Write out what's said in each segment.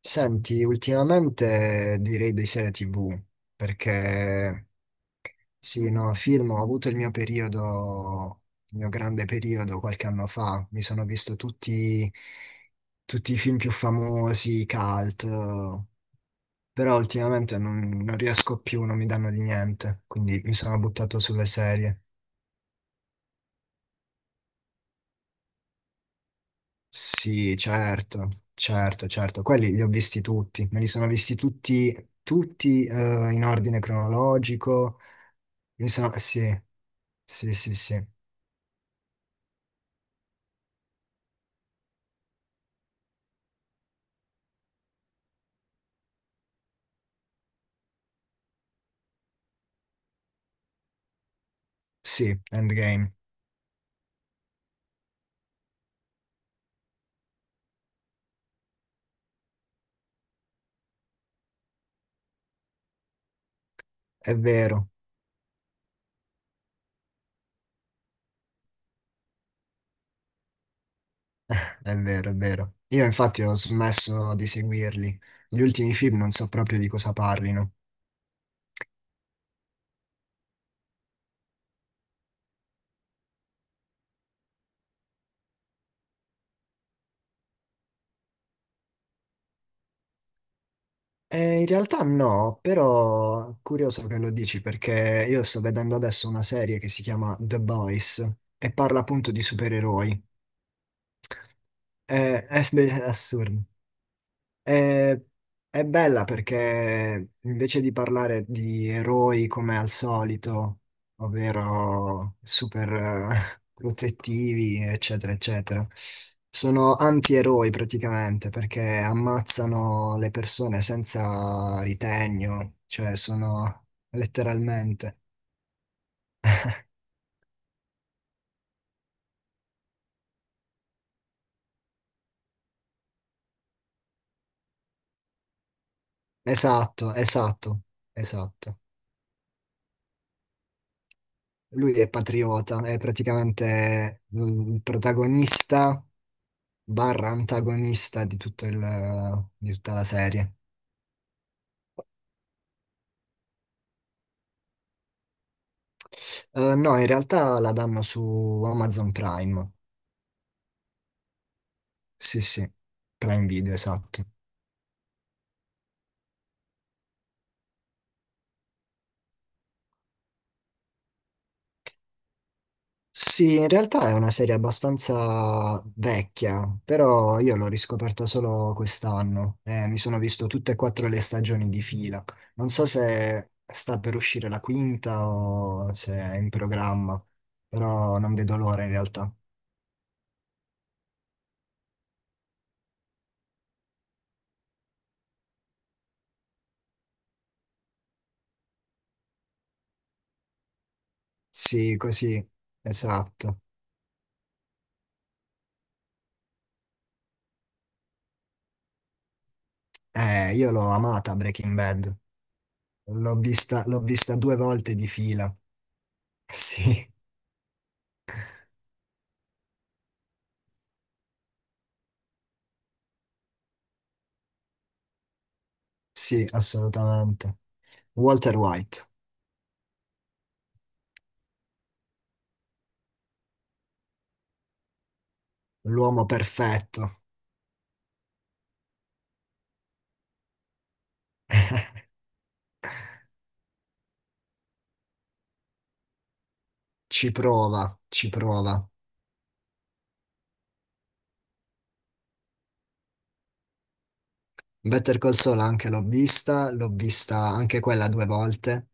Senti, ultimamente direi di serie TV, perché sì, no, film, ho avuto il mio periodo, il mio grande periodo qualche anno fa, mi sono visto tutti, tutti i film più famosi, i cult, però ultimamente non riesco più, non mi danno di niente, quindi mi sono buttato sulle serie. Sì, certo, certo, certo, quelli li ho visti tutti, me li sono visti tutti, tutti in ordine cronologico. Mi sa, sì, sì, sì, sì, sì, Endgame, è vero, è vero, è vero. Io infatti ho smesso di seguirli. Gli ultimi film non so proprio di cosa parlino. In realtà no, però curioso che lo dici perché io sto vedendo adesso una serie che si chiama The Boys e parla appunto di supereroi. È assurdo. È, è bella perché invece di parlare di eroi come al solito, ovvero super protettivi, eccetera, eccetera, sono antieroi praticamente perché ammazzano le persone senza ritegno, cioè sono letteralmente. Esatto, esatto, esatto. Lui è patriota, è praticamente il protagonista, barra antagonista di di tutta la serie. No, in realtà la danno su Amazon Prime. Sì, sì, Prime Video, esatto. Sì, in realtà è una serie abbastanza vecchia, però io l'ho riscoperta solo quest'anno. Mi sono visto tutte e quattro le stagioni di fila. Non so se sta per uscire la quinta o se è in programma, però non vedo l'ora in realtà. Sì, così, esatto. Io l'ho amata Breaking Bad, l'ho vista due volte di fila. Sì, sì, assolutamente. Walter White, l'uomo perfetto, ci prova, ci prova. Better Call Saul anche l'ho vista anche quella due volte.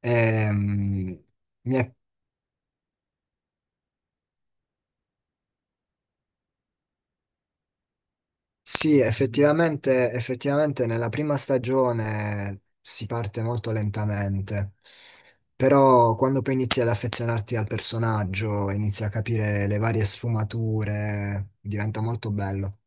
Ehm, mi è Sì, effettivamente, effettivamente nella prima stagione si parte molto lentamente, però quando poi inizi ad affezionarti al personaggio, inizi a capire le varie sfumature, diventa molto bello.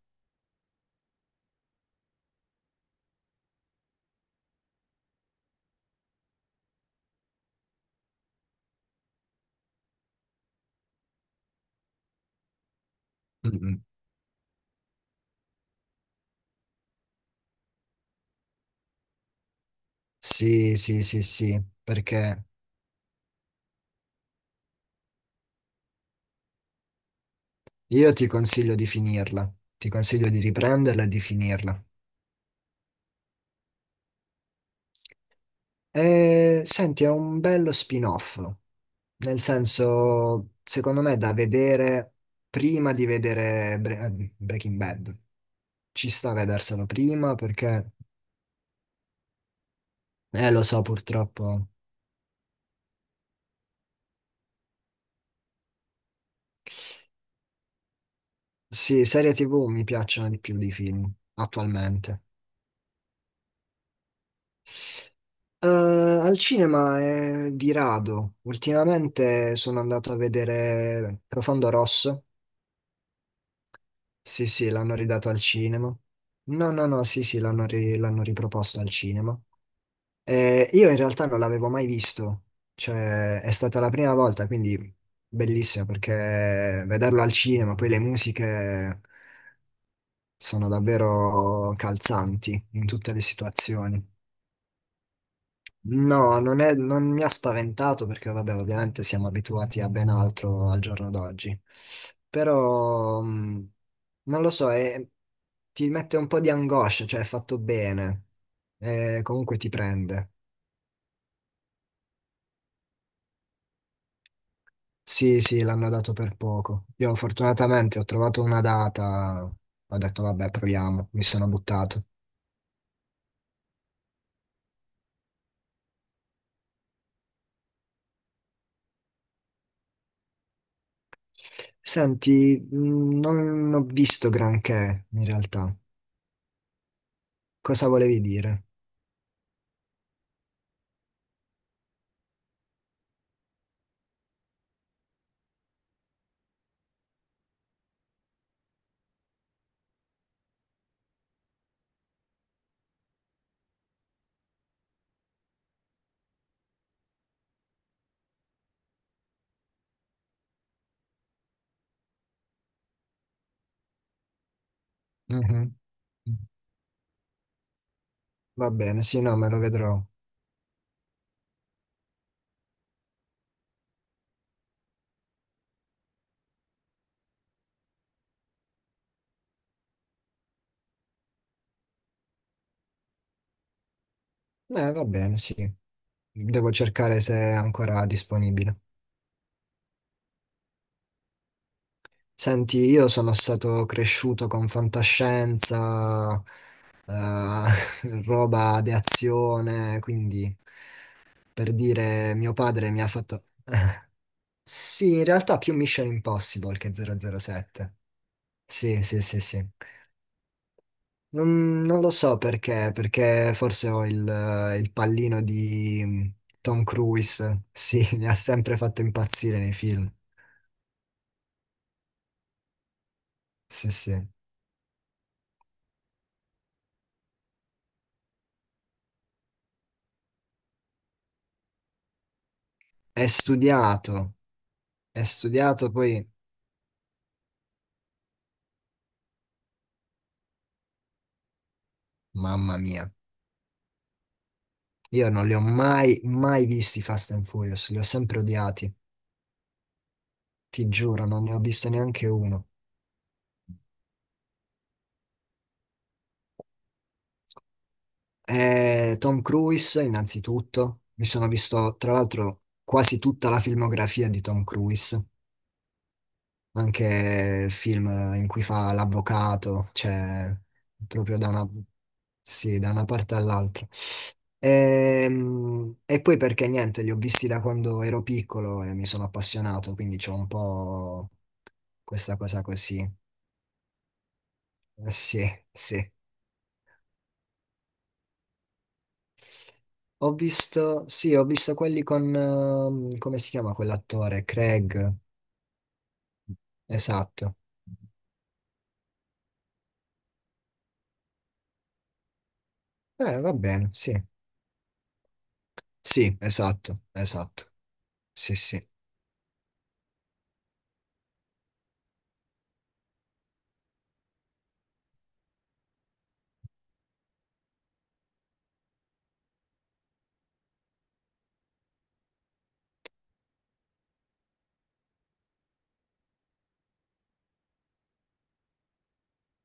Mm. Sì, sì, sì, sì, perché io ti consiglio di finirla, ti consiglio di riprenderla e di finirla. E senti, è un bello spin-off. Nel senso, secondo me è da vedere prima di vedere Breaking Bad. Ci sta a vederselo prima perché, lo so purtroppo. Sì, serie TV mi piacciono di più di film attualmente. Al cinema è di rado. Ultimamente sono andato a vedere Profondo Rosso. Sì, sì, l'hanno ridato al cinema. No, no, no, sì, sì, l'hanno riproposto al cinema. Io in realtà non l'avevo mai visto, cioè è stata la prima volta, quindi bellissima perché vederlo al cinema, poi le musiche sono davvero calzanti in tutte le situazioni. No, non mi ha spaventato perché vabbè, ovviamente siamo abituati a ben altro al giorno d'oggi, però non lo so, ti mette un po' di angoscia, cioè è fatto bene, comunque ti prende. Sì, sì, l'hanno dato per poco. Io fortunatamente ho trovato una data, ho detto vabbè, proviamo, mi sono buttato. Senti, non ho visto granché in realtà. Cosa volevi dire? Mhm. Va bene, sì, no, me lo vedrò. Va bene, sì. Devo cercare se è ancora disponibile. Senti, io sono stato cresciuto con fantascienza, eh, roba di azione, quindi per dire mio padre mi ha fatto... Sì, in realtà più Mission Impossible che 007. Sì, sì, sì, sì. Non lo so perché, forse ho il pallino di Tom Cruise. Sì, mi ha sempre fatto impazzire nei film. Sì, sì. È studiato, è studiato poi... Mamma mia, io non li ho mai, mai visti i Fast and Furious, li ho sempre odiati, ti giuro, non ne ho visto neanche uno. Tom Cruise, innanzitutto, mi sono visto tra l'altro quasi tutta la filmografia di Tom Cruise, anche film in cui fa l'avvocato, cioè proprio da una, sì, da una parte all'altra. Poi perché niente, li ho visti da quando ero piccolo e mi sono appassionato, quindi c'ho un po' questa cosa così. Sì, sì. Ho visto, sì, ho visto quelli con, come si chiama quell'attore? Craig, esatto. Va bene, sì. Sì, esatto, esatto. Sì, sì.